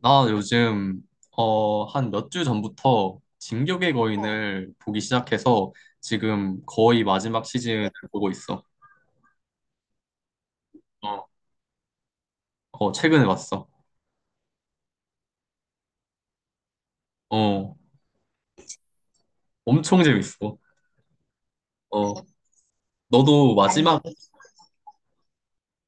나 요즘 한 몇 주 전부터 진격의 거인을 보기 시작해서 지금 거의 마지막 시즌을, 그래? 보고 있어. 어, 최근에 봤어. 어, 엄청 재밌어. 어, 너도 아니, 마지막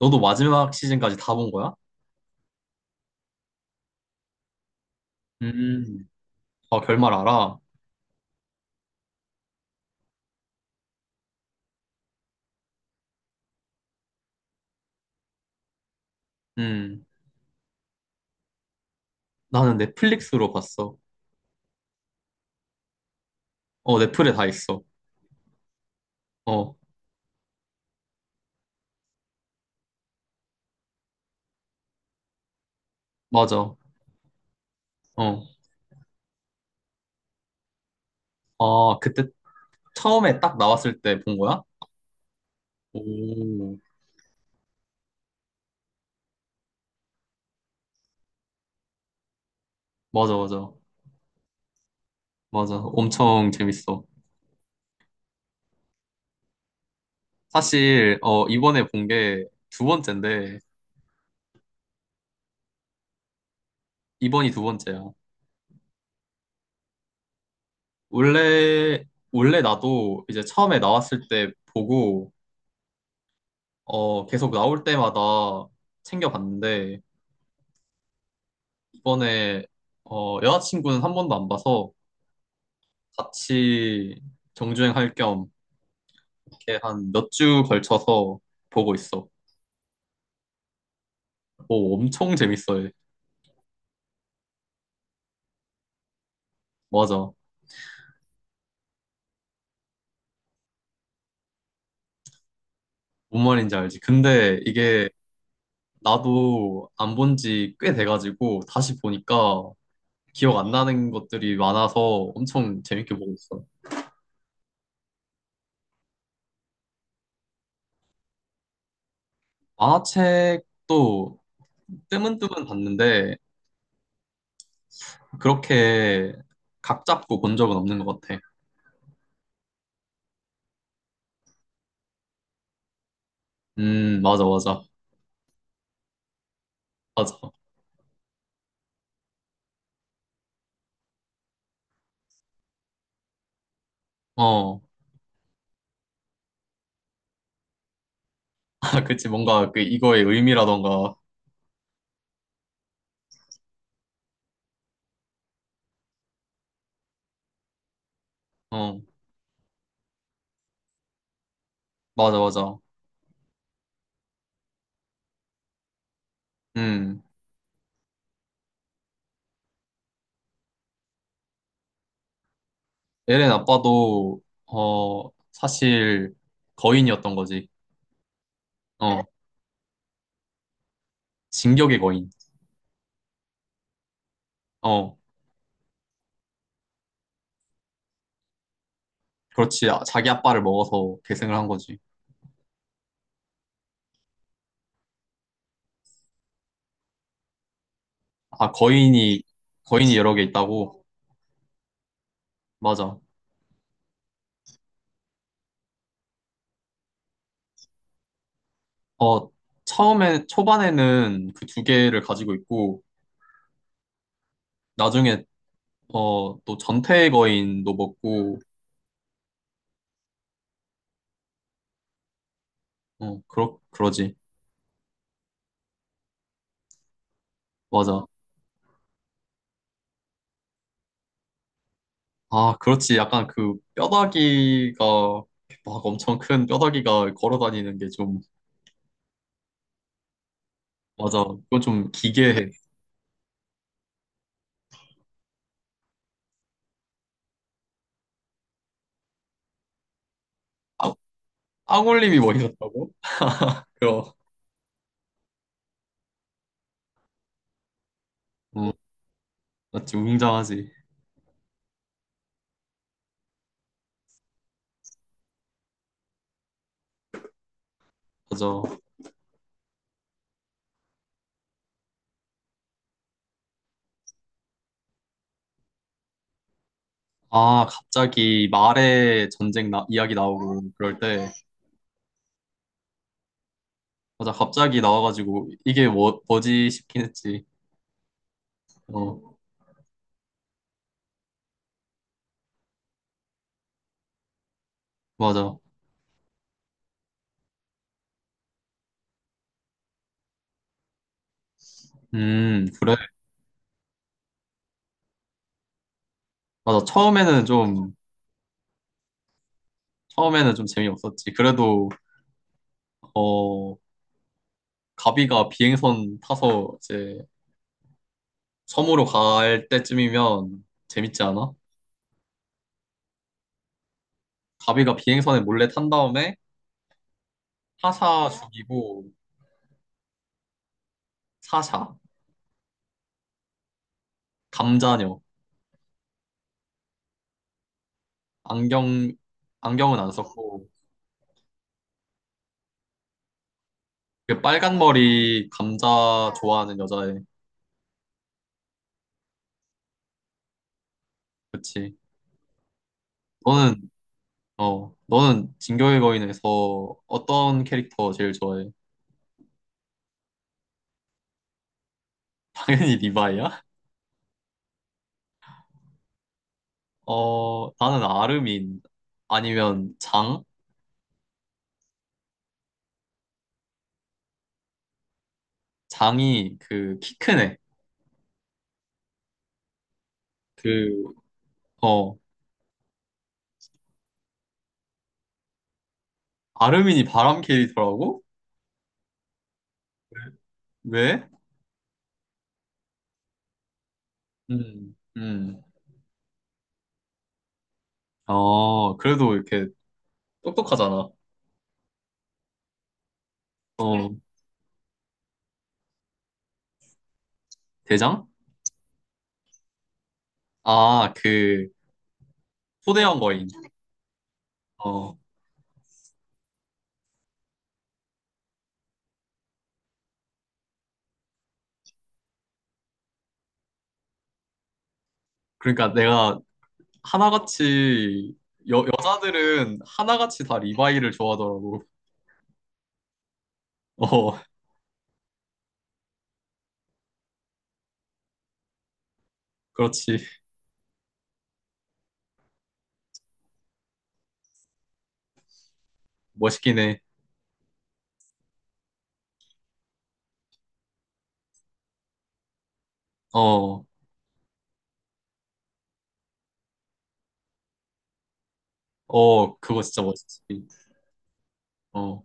너도 마지막 시즌까지 다 본 거야? 음, 아, 결말 알아? 음, 나는 넷플릭스로 봤어. 넷플에 다 있어. 어. 맞아. 어. 아, 그때 처음에 딱 나왔을 때 본 거야? 오, 맞아, 맞아. 맞아. 엄청 재밌어. 사실, 이번에 본 게 두 번째인데, 이번이 두 번째야. 원래, 원래 나도 이제 처음에 나왔을 때 보고, 계속 나올 때마다 챙겨봤는데, 이번에, 여자친구는 한 번도 안 봐서 같이 정주행할 겸, 이렇게 한 몇 주 걸쳐서 보고 있어. 오, 엄청 재밌어. 맞아. 뭔 말인지 알지. 근데 이게 나도 안 본 지 꽤 돼가지고 다시 보니까 기억 안 나는 것들이 많아서 엄청 재밌게 보고 있어. 만화책도 뜨문뜨문 봤는데 그렇게 각 잡고 본 적은 없는 것 같아. 맞아, 맞아, 맞아. 어, 아, 그치, 뭔가 그 이거의 의미라던가. 어, 맞아, 맞아. 음, 에렌 아빠도 어, 사실 거인이었던 거지. 어, 진격의 거인. 어. 그렇지. 아, 자기 아빠를 먹어서 계승을 한 거지. 아, 거인이 여러 개 있다고? 맞아. 어, 처음에, 초반에는 그 두 개를 가지고 있고, 나중에, 또 전태 거인도 먹고, 그러지. 맞아. 아, 그렇지. 약간 그 뼈다귀가, 막 엄청 큰 뼈다귀가 걸어 다니는 게 좀, 맞아. 그건 좀 기괴해. 아, 앙올림이 뭐이었다고 그럼. 음, 맞지. 웅장하지. 맞아. 아, 갑자기 말에 전쟁 나, 이야기 나오고 그럴 때, 맞아, 갑자기 나와가지고 이게 뭐, 뭐지 싶긴 했지. 어, 맞아. 그래. 맞아. 처음에는 좀 재미없었지. 그래도, 어, 가비가 비행선 타서 이제 섬으로 갈 때쯤이면 재밌지 않아? 가비가 비행선에 몰래 탄 다음에 타사 죽이고, 사샤, 감자녀, 안경, 안경은 안 썼고, 그 빨간 머리 감자 좋아하는 여자애. 그치. 너는, 너는 진격의 거인에서 어떤 캐릭터 제일 좋아해? 당연히 리바이야? 나는 아르민 아니면 장? 장이 그 키 큰 애. 그, 어, 아르민이 바람 캐릭터라고? 왜? 음, 음. 그래도 이렇게 똑똑하잖아. 어, 대장? 아, 그, 초대형 거인. 어, 그러니까 내가 하나같이 여자들은 하나같이 다 리바이를 좋아하더라고. 어, 그렇지. 멋있긴 해. 어, 그거 진짜 멋있지. 어,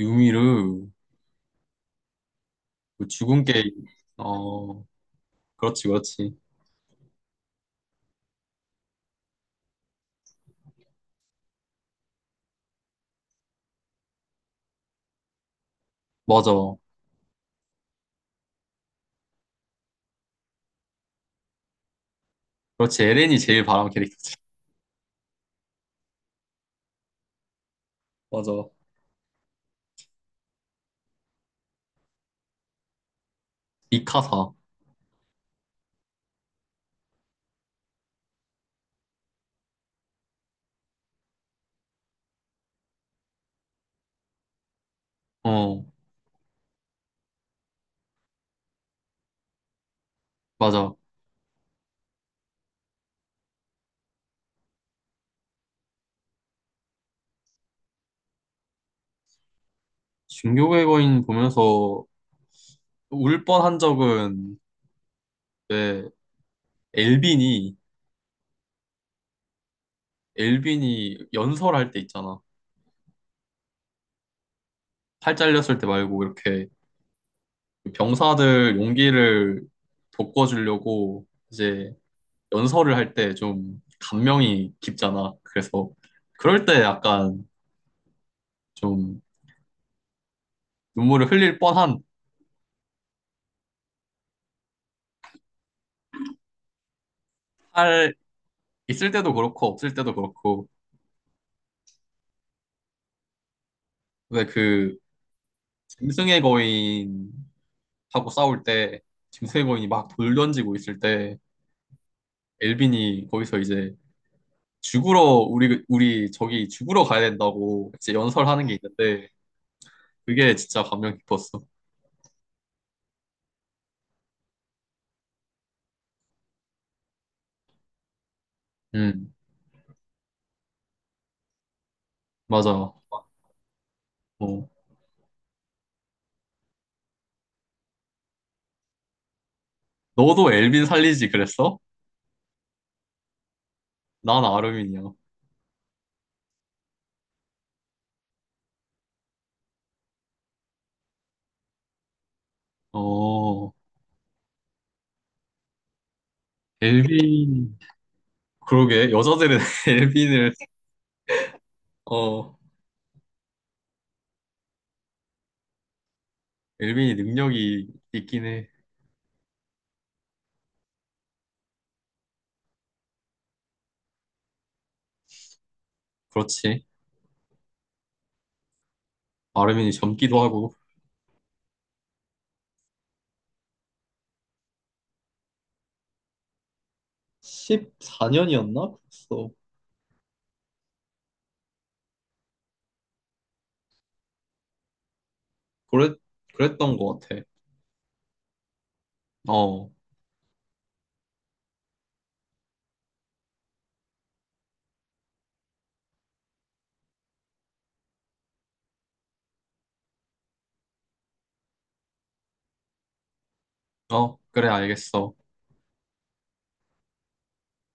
유미르, 그 죽은 게임. 어, 그렇지, 그렇지. 맞아. 그렇지. 에렌이 제일 바람 캐릭터지. 맞아. 미카사. 어, 맞아. 중교의 거인 보면서 울 뻔한 적은, 왜 엘빈이 엘빈이 연설할 때 있잖아. 팔 잘렸을 때 말고 이렇게 병사들 용기를 돋궈주려고 이제 연설을 할 때 좀 감명이 깊잖아. 그래서 그럴 때 약간 좀 눈물을 흘릴 뻔한. 탈 있을 때도 그렇고 없을 때도 그렇고. 근데 그 짐승의 거인하고 싸울 때 짐승의 거인이 막 돌 던지고 있을 때 엘빈이 거기서 이제 죽으러 우리 저기 죽으러 가야 된다고 이제 연설하는 게 있는데 그게 진짜 감명 깊었어. 음, 맞아. 어. 너도 엘빈 살리지 그랬어? 난 아르민이야. 어, 엘빈. 그러게, 여자들은 엘빈을, 어, 엘빈이 능력이 있긴 해. 그렇지. 아르민이 젊기도 하고. 14년이었나? 그랬어. 그랬, 그랬던 것 같아. 어, 어, 그래, 알겠어.